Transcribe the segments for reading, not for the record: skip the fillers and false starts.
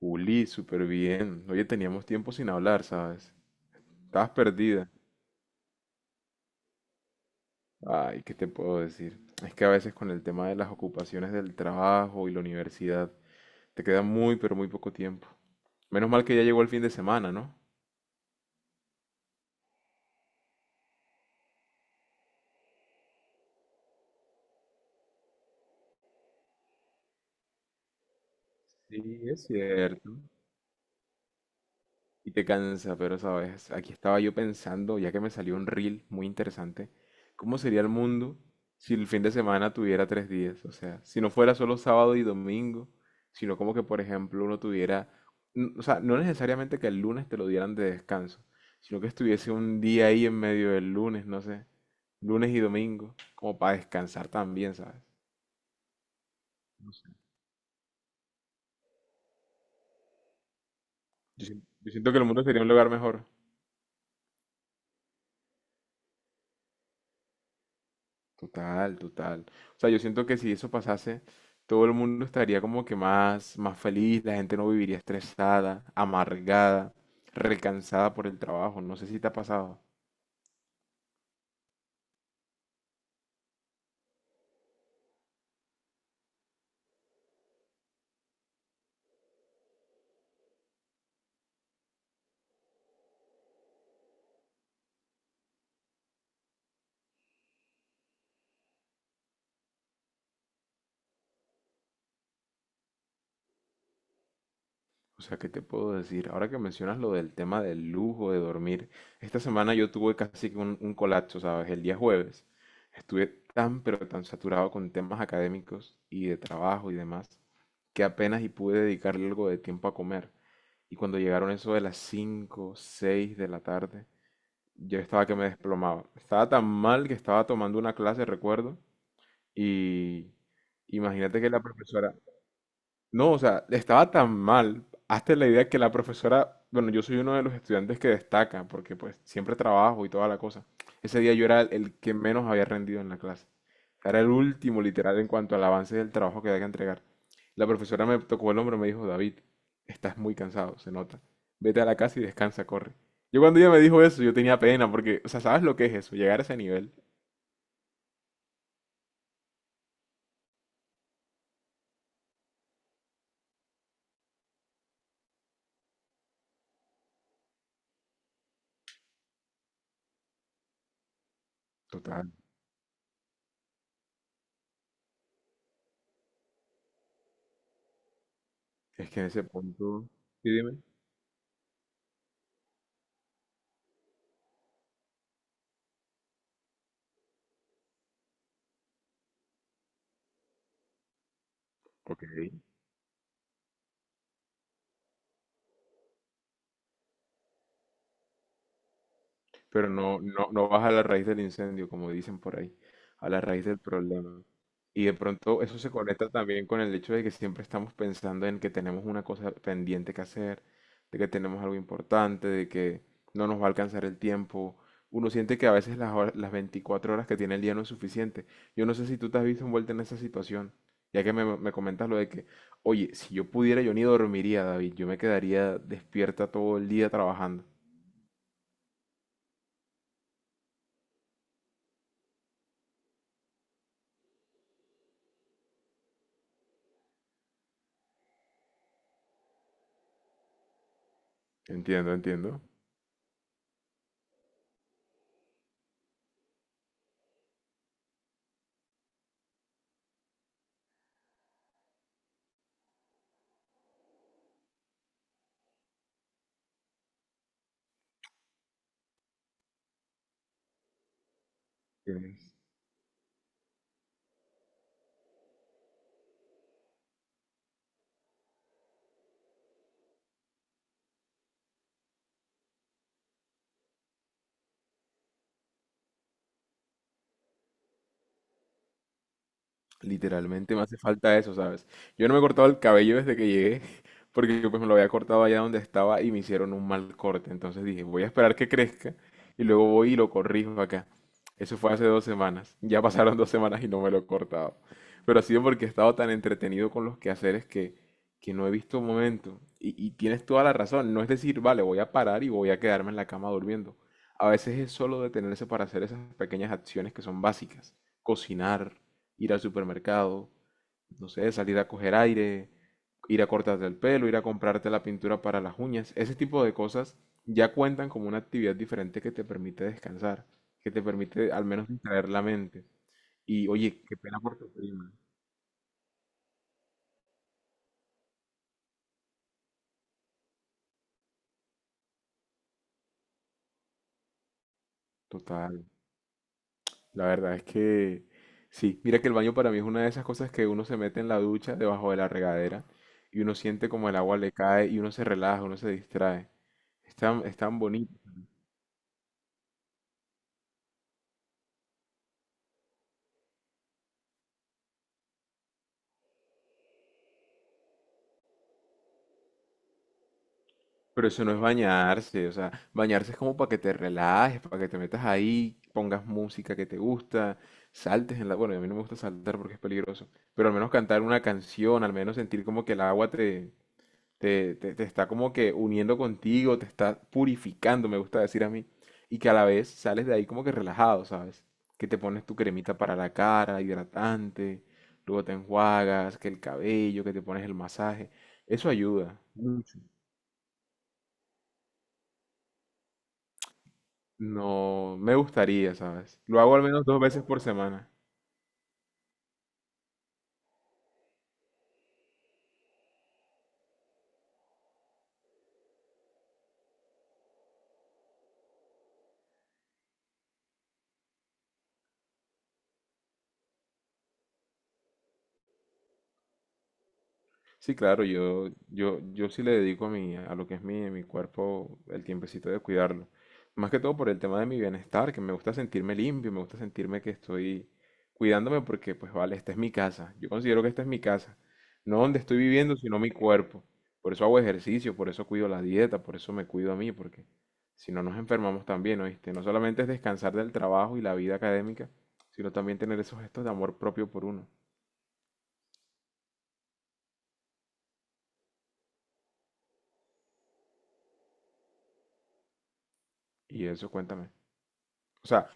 Juli, súper bien. Oye, teníamos tiempo sin hablar, ¿sabes? Estabas perdida. Ay, ¿qué te puedo decir? Es que a veces con el tema de las ocupaciones del trabajo y la universidad, te queda muy, pero muy poco tiempo. Menos mal que ya llegó el fin de semana, ¿no? Sí, es cierto. Y te cansa, pero sabes, aquí estaba yo pensando, ya que me salió un reel muy interesante, ¿cómo sería el mundo si el fin de semana tuviera 3 días? O sea, si no fuera solo sábado y domingo, sino como que, por ejemplo, uno tuviera, o sea, no necesariamente que el lunes te lo dieran de descanso, sino que estuviese un día ahí en medio del lunes, no sé, lunes y domingo, como para descansar también, ¿sabes? No sé. Yo, yo siento que el mundo sería un lugar mejor. Total, total. O sea, yo siento que si eso pasase, todo el mundo estaría como que más, más feliz, la gente no viviría estresada, amargada, recansada por el trabajo. No sé si te ha pasado. O sea, ¿qué te puedo decir? Ahora que mencionas lo del tema del lujo, de dormir, esta semana yo tuve casi que un colapso, ¿sabes? El día jueves estuve tan, pero tan saturado con temas académicos y de trabajo y demás, que apenas y pude dedicarle algo de tiempo a comer. Y cuando llegaron eso de las 5 o 6 de la tarde, yo estaba que me desplomaba. Estaba tan mal que estaba tomando una clase, recuerdo, y imagínate que la profesora, no, o sea, estaba tan mal. Hazte la idea que la profesora, bueno, yo soy uno de los estudiantes que destaca, porque pues siempre trabajo y toda la cosa. Ese día yo era el que menos había rendido en la clase. Era el último, literal, en cuanto al avance del trabajo que había que entregar. La profesora me tocó el hombro y me dijo, David, estás muy cansado, se nota. Vete a la casa y descansa, corre. Yo cuando ella me dijo eso, yo tenía pena, porque, o sea, ¿sabes lo que es eso? Llegar a ese nivel. Total. Es que en ese punto... Sí, dime. Ok. Pero no, no, no vas a la raíz del incendio, como dicen por ahí, a la raíz del problema. Y de pronto eso se conecta también con el hecho de que siempre estamos pensando en que tenemos una cosa pendiente que hacer, de que tenemos algo importante, de que no nos va a alcanzar el tiempo. Uno siente que a veces las 24 horas que tiene el día no es suficiente. Yo no sé si tú te has visto envuelta en esa situación, ya que me comentas lo de que, oye, si yo pudiera, yo ni dormiría, David, yo me quedaría despierta todo el día trabajando. Entiendo, entiendo. Tienes literalmente me hace falta eso, ¿sabes? Yo no me he cortado el cabello desde que llegué, porque pues me lo había cortado allá donde estaba y me hicieron un mal corte. Entonces dije, voy a esperar que crezca y luego voy y lo corrijo acá. Eso fue hace 2 semanas. Ya pasaron 2 semanas y no me lo he cortado. Pero ha sido porque he estado tan entretenido con los quehaceres que no he visto un momento. Y tienes toda la razón. No es decir, vale, voy a parar y voy a quedarme en la cama durmiendo. A veces es solo detenerse para hacer esas pequeñas acciones que son básicas. Cocinar, ir al supermercado, no sé, salir a coger aire, ir a cortarte el pelo, ir a comprarte la pintura para las uñas, ese tipo de cosas ya cuentan como una actividad diferente que te permite descansar, que te permite al menos distraer la mente. Y oye, qué pena por tu prima. Total. La verdad es que sí, mira que el baño para mí es una de esas cosas que uno se mete en la ducha debajo de la regadera y uno siente como el agua le cae y uno se relaja, uno se distrae. Es tan bonito. Pero eso no es bañarse, o sea, bañarse es como para que te relajes, para que te metas ahí, pongas música que te gusta, saltes en la... Bueno, a mí no me gusta saltar porque es peligroso, pero al menos cantar una canción, al menos sentir como que el agua te, te está como que uniendo contigo, te está purificando, me gusta decir a mí, y que a la vez sales de ahí como que relajado, ¿sabes? Que te pones tu cremita para la cara, hidratante, luego te enjuagas, que el cabello, que te pones el masaje, eso ayuda. No, me gustaría, ¿sabes? Lo hago al menos 2 veces por semana. Sí, claro, yo sí le dedico a mi, a lo que es mi cuerpo el tiempecito de cuidarlo. Más que todo por el tema de mi bienestar, que me gusta sentirme limpio, me gusta sentirme que estoy cuidándome porque, pues vale, esta es mi casa. Yo considero que esta es mi casa. No donde estoy viviendo, sino mi cuerpo. Por eso hago ejercicio, por eso cuido la dieta, por eso me cuido a mí, porque si no nos enfermamos también, ¿oíste? No solamente es descansar del trabajo y la vida académica, sino también tener esos gestos de amor propio por uno. Y eso, cuéntame. O sea,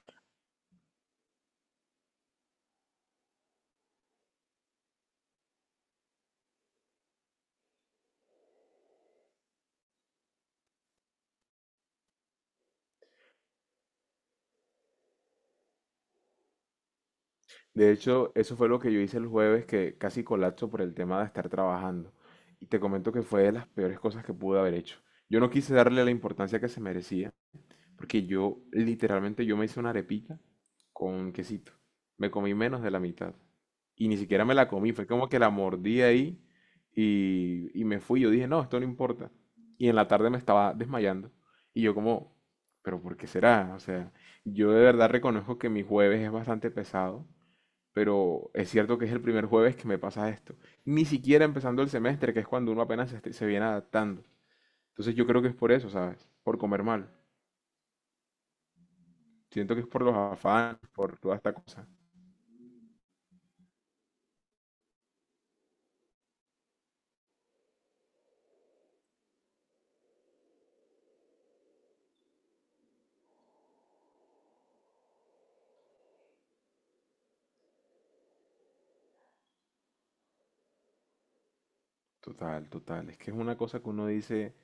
de hecho, eso fue lo que yo hice el jueves, que casi colapso por el tema de estar trabajando. Y te comento que fue de las peores cosas que pude haber hecho. Yo no quise darle la importancia que se merecía, porque yo literalmente yo me hice una arepita con quesito. Me comí menos de la mitad. Y ni siquiera me la comí, fue como que la mordí ahí y me fui. Yo dije, no, esto no importa. Y en la tarde me estaba desmayando. Y yo como, pero ¿por qué será? O sea, yo de verdad reconozco que mi jueves es bastante pesado, pero es cierto que es el primer jueves que me pasa esto. Ni siquiera empezando el semestre, que es cuando uno apenas se viene adaptando. Entonces yo creo que es por eso, ¿sabes? Por comer mal. Siento que es por los afanes, por toda esta cosa. Total, total. Es que es una cosa que uno dice,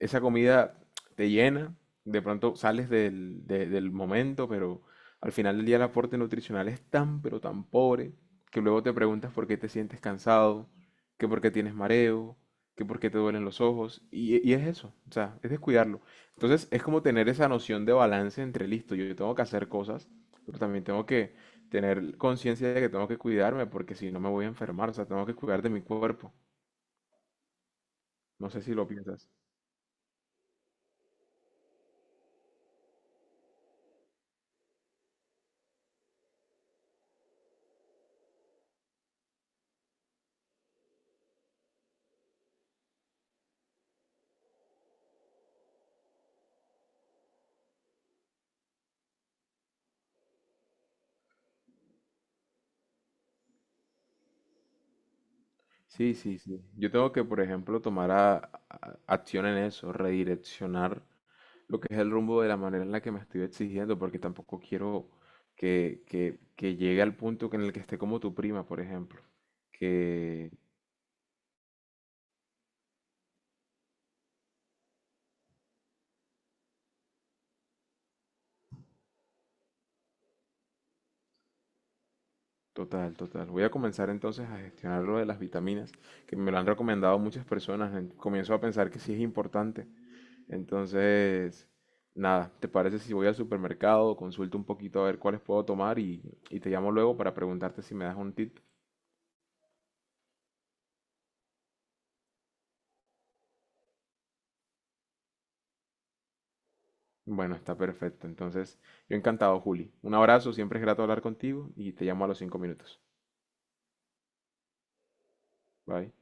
esa comida te llena, de pronto sales del momento, pero al final del día el aporte nutricional es tan, pero tan pobre, que luego te preguntas por qué te sientes cansado, que por qué tienes mareo, que por qué te duelen los ojos, y es eso, o sea, es descuidarlo. Entonces es como tener esa noción de balance entre listo, yo tengo que hacer cosas, pero también tengo que tener conciencia de que tengo que cuidarme, porque si no me voy a enfermar, o sea, tengo que cuidar de mi cuerpo. No sé si lo piensas. Sí, sí, sí. Yo tengo que, por ejemplo, tomar acción en eso, redireccionar lo que es el rumbo de la manera en la que me estoy exigiendo, porque tampoco quiero que llegue al punto que en el que esté como tu prima, por ejemplo. Que, total, total. Voy a comenzar entonces a gestionar lo de las vitaminas, que me lo han recomendado muchas personas. Comienzo a pensar que sí es importante. Entonces, nada, ¿te parece si voy al supermercado, consulto un poquito a ver cuáles puedo tomar y te llamo luego para preguntarte si me das un tip? Bueno, está perfecto. Entonces, yo encantado, Juli. Un abrazo, siempre es grato hablar contigo y te llamo a los 5 minutos. Bye.